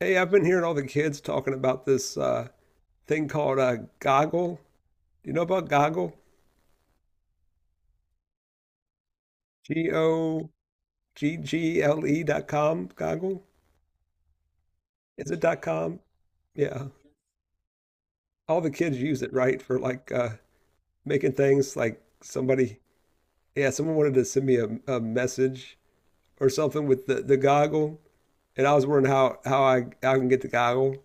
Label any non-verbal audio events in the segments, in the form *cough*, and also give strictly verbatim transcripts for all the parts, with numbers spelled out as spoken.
Hey, I've been hearing all the kids talking about this uh, thing called uh, Goggle. Do you know about Goggle? G O G G L E dot com. Goggle? Is it dot com? Yeah. All the kids use it, right? For like uh, making things like somebody, yeah, someone wanted to send me a, a message or something with the, the goggle. And I was wondering how, how I, I can get the goggle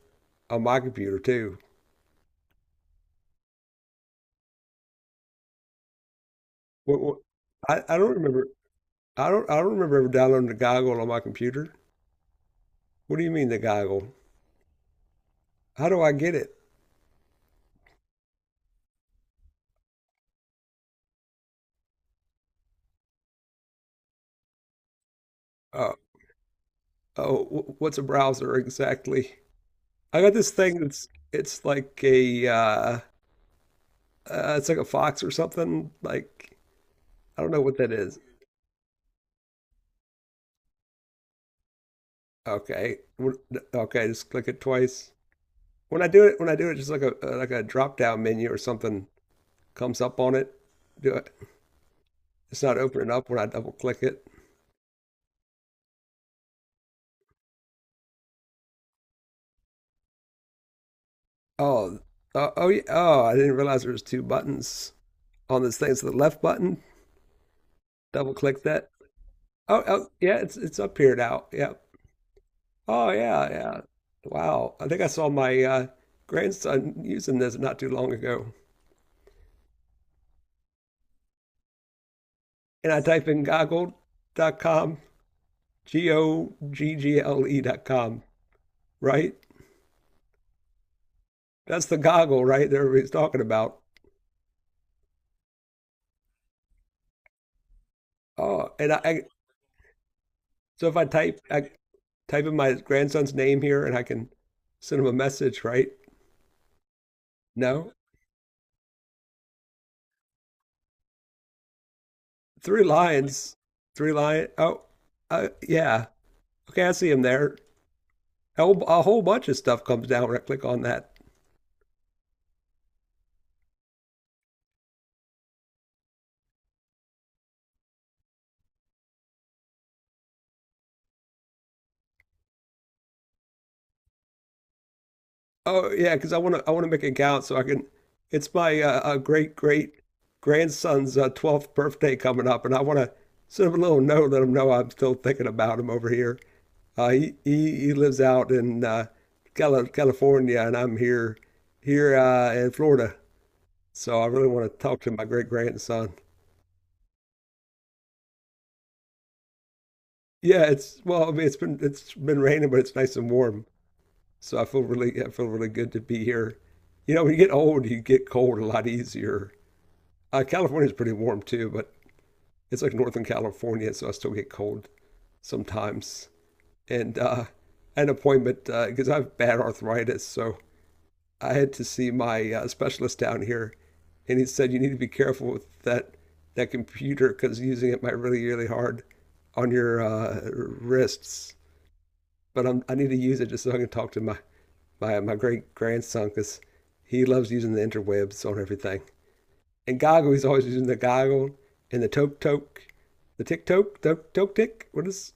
on my computer too. What, what, I, I don't remember. I don't, I don't remember ever downloading the goggle on my computer. What do you mean the goggle? How do I get it? Uh, oh, wh- what's a browser exactly? I got this thing that's it's like a uh, uh, it's like a fox or something. Like I don't know what that is. Okay, What- okay, just click it twice. When I do it, when I do it, just like a uh, like a drop down menu or something comes up on it. Do it. It's not opening up when I double click it. Oh, oh, oh, yeah. Oh, I didn't realize there was two buttons on this thing. So the left button, double click that. Oh, oh, yeah, it's it's up here now. Yeah. Oh yeah, yeah. Wow. I think I saw my uh, grandson using this not too long ago. And I type in goggle dot com, G O G G L E dot com, right? That's the goggle, right? That everybody's talking about. Oh, and I, I so if I type I type in my grandson's name here and I can send him a message, right? No? Three lions. Three lion. Oh, uh, yeah. Okay, I see him there. A whole, a whole bunch of stuff comes down when I click on that. Oh yeah, because I want to I want to make a gown so I can. It's my uh, uh, great great grandson's uh, twelfth birthday coming up, and I want to send him a little note, let him know I'm still thinking about him over here. Uh, he, he he lives out in uh, Cali- California, and I'm here here uh, in Florida. So I really want to talk to my great grandson. Yeah, it's well, I mean, it's been it's been raining, but it's nice and warm. So I feel really I feel really good to be here. You know, when you get old, you get cold a lot easier. Uh, California's pretty warm too, but it's like Northern California, so I still get cold sometimes. And uh, an appointment because uh, I have bad arthritis, so I had to see my uh, specialist down here, and he said you need to be careful with that that computer because using it might really really hard on your uh, wrists. But I'm, I need to use it just so I can talk to my my, my great grandson because he loves using the interwebs on everything. And Goggle, he's always using the goggle and the toke toke, the tick toke, toke toke tick. What is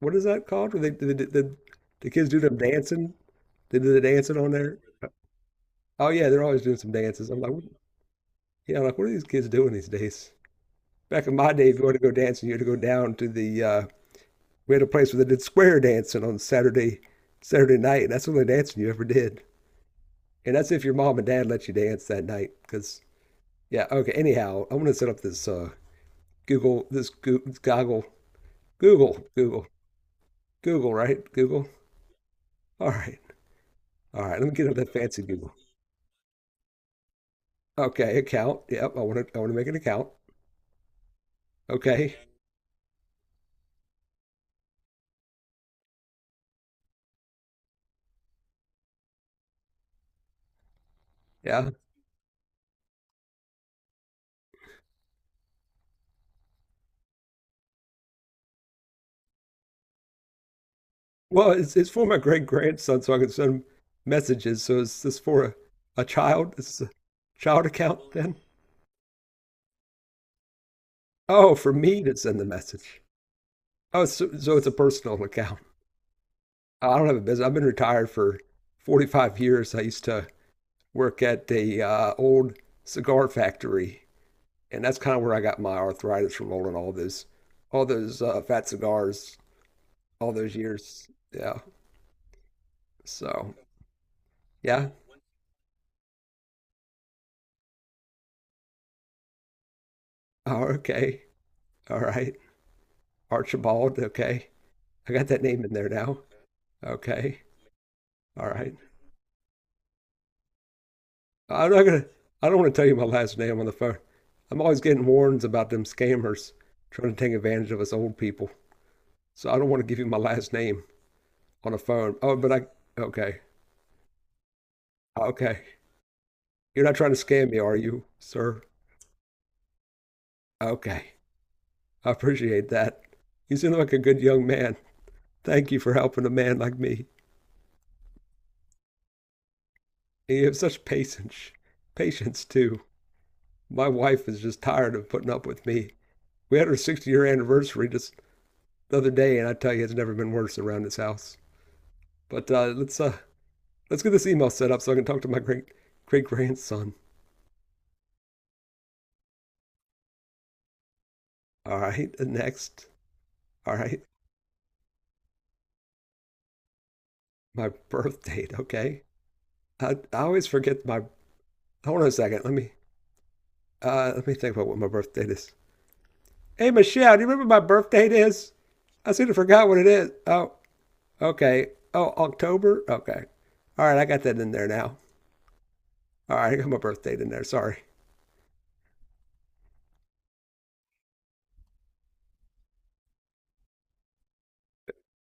what is that called? When they the, the, the, kids do them dancing. They do the dancing on there. Oh yeah, they're always doing some dances. I'm like, what, yeah, I'm like what are these kids doing these days? Back in my day, if you wanted to go dancing, you had to go down to the. Uh, we had a place where they did square dancing on Saturday Saturday night. That's the only dancing you ever did, and that's if your mom and dad let you dance that night. Because yeah, okay. Anyhow, I'm gonna set up this uh, Google this Goo- goggle Google, Google, Google, right? Google. All right. All right. Let me get up that fancy Google. Okay, account. Yep. I want to I want to make an account. Okay. Yeah. Well, it's it's for my great grandson so I can send him messages. So is this for a, a child? Is this a child account then? Oh, for me to send the message. Oh, so, so it's a personal account. I don't have a business. I've been retired for forty-five years. I used to work at the uh, old cigar factory and that's kind of where I got my arthritis from rolling all those, all those uh, fat cigars, all those years. Yeah. So yeah. *laughs* Oh, okay. All right. Archibald. Okay. I got that name in there now. Okay. All right. I'm not gonna. I don't want to tell you my last name on the phone. I'm always getting warnings about them scammers trying to take advantage of us old people. So I don't want to give you my last name on the phone. Oh, but I. Okay. Okay. You're not trying to scam me, are you, sir? Okay. I appreciate that. You seem like a good young man. Thank you for helping a man like me. And you have such patience. Patience, too. My wife is just tired of putting up with me. We had our sixty year anniversary just the other day, and I tell you, it's never been worse around this house. But uh, let's uh, let's get this email set up so I can talk to my great great grandson. All right, next. All right, my birth date. Okay, I, I always forget my. Hold on a second. Let me uh, let me think about what my birth date is. Hey, Michelle, do you remember my birthday is? I sort of forgot what it is. Oh, okay. Oh, October? Okay. All right, I got that in there now. All right, I got my birth date in there. Sorry.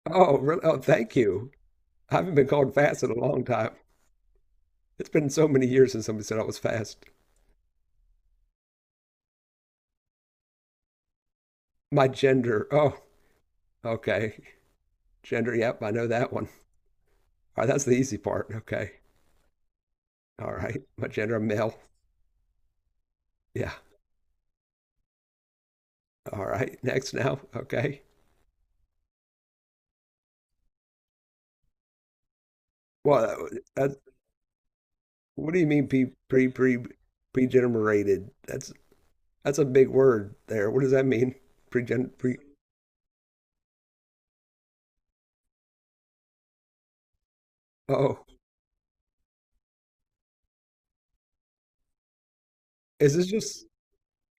Oh, really? Oh, thank you. I haven't been called fast in a long time. It's been so many years since somebody said I was fast. My gender. Oh, okay. Gender. Yep, I know that one. All right, that's the easy part. Okay. All right. My gender, I'm male. Yeah. All right. Next now. Okay. Well, that, what do you mean pre pre pre pregenerated? That's that's a big word there. What does that mean? Pregen pre Oh. Is this just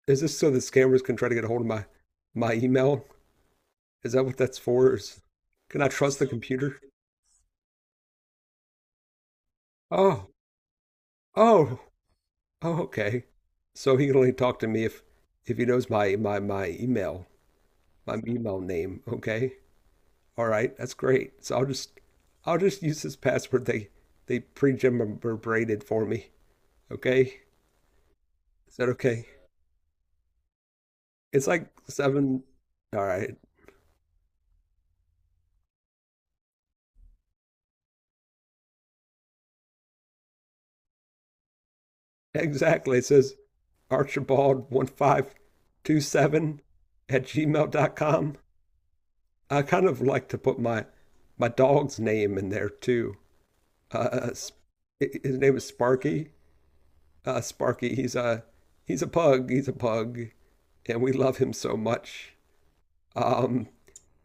is this so the scammers can try to get a hold of my my email? Is that what that's for? Is, can I trust the computer? Oh, oh, oh, okay. So he can only talk to me if if he knows my my my email, my email name, okay? All right, that's great. So I'll just I'll just use this password they they pre-generated for me, okay? Is that okay? It's like seven. All right. Exactly. It says Archibald one five two seven at gmail dot com. I kind of like to put my my dog's name in there too. Uh, his name is Sparky. Uh, Sparky, he's a he's a pug. He's a pug, and we love him so much. Um,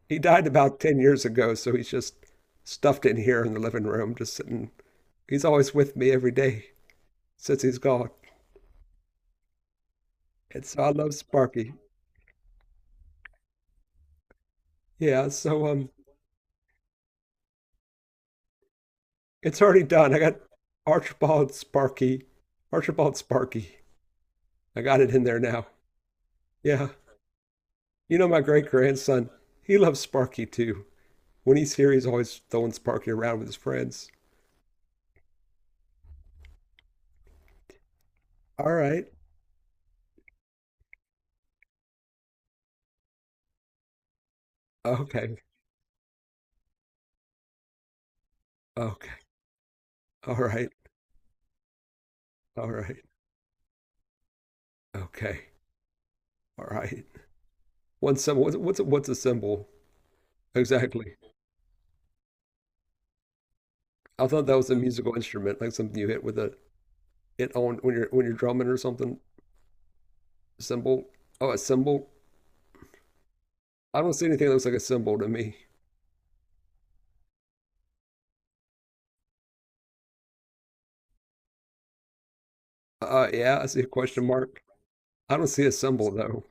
he died about ten years ago, so he's just stuffed in here in the living room, just sitting. He's always with me every day since he's gone. It's I love Sparky. Yeah, so um it's already done. I got Archibald Sparky. Archibald Sparky. I got it in there now. Yeah. You know my great grandson. He loves Sparky too. When he's here he's always throwing Sparky around with his friends. All right. Okay. Okay. All right. All right. Okay. All right. One symbol. What's what's what's a symbol? Exactly. I thought that was a musical instrument, like something you hit with a it on when you're when you're drumming or something. Symbol. Oh, a symbol. I don't see anything that looks like a symbol to me. Uh, yeah, I see a question mark. I don't see a symbol though.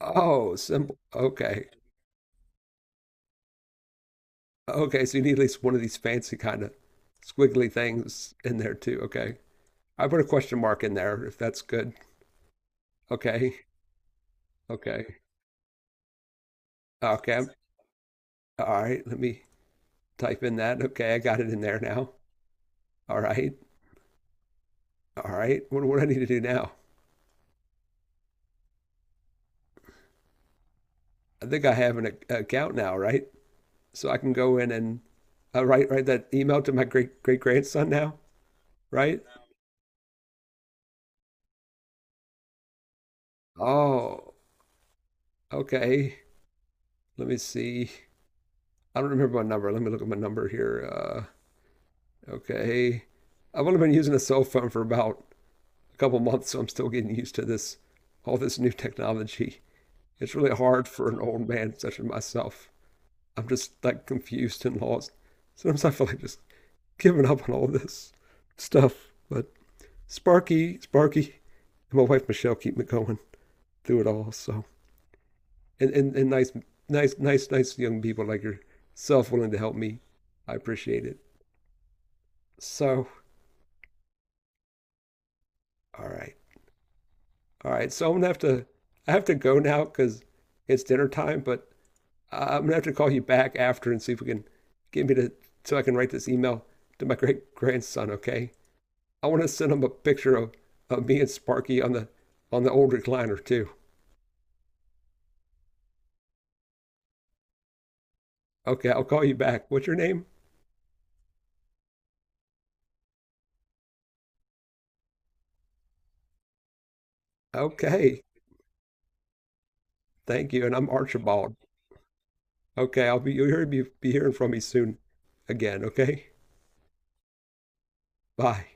Oh, symbol. Okay. Okay, so you need at least one of these fancy kind of squiggly things in there too. Okay. I put a question mark in there if that's good. Okay. Okay. Okay. I'm- All right. Let me type in that. Okay. I got it in there now. All right. All right. What, what do I need to do now? I think I have an ac- account now, right? So I can go in and uh, write write that email to my great great grandson now, right? Oh, okay. Let me see. I don't remember my number. Let me look at my number here. Uh, okay. I've only been using a cell phone for about a couple months, so I'm still getting used to this, all this new technology. It's really hard for an old man such as myself. I'm just like confused and lost. Sometimes I feel like just giving up on all this stuff. But Sparky, Sparky, and my wife Michelle keep me going through it all. So and, and, and nice nice nice nice young people like yourself willing to help me. I appreciate it. So all right. All right. So I'm gonna have to I have to go now because it's dinner time, but I'm gonna have to call you back after and see if we can get me to so I can write this email to my great grandson, okay? I wanna send him a picture of, of me and Sparky on the on the old recliner too. Okay, I'll call you back. What's your name? Okay. Thank you. And I'm Archibald. Okay, I'll be you'll be, be hearing from me soon again, okay? Bye.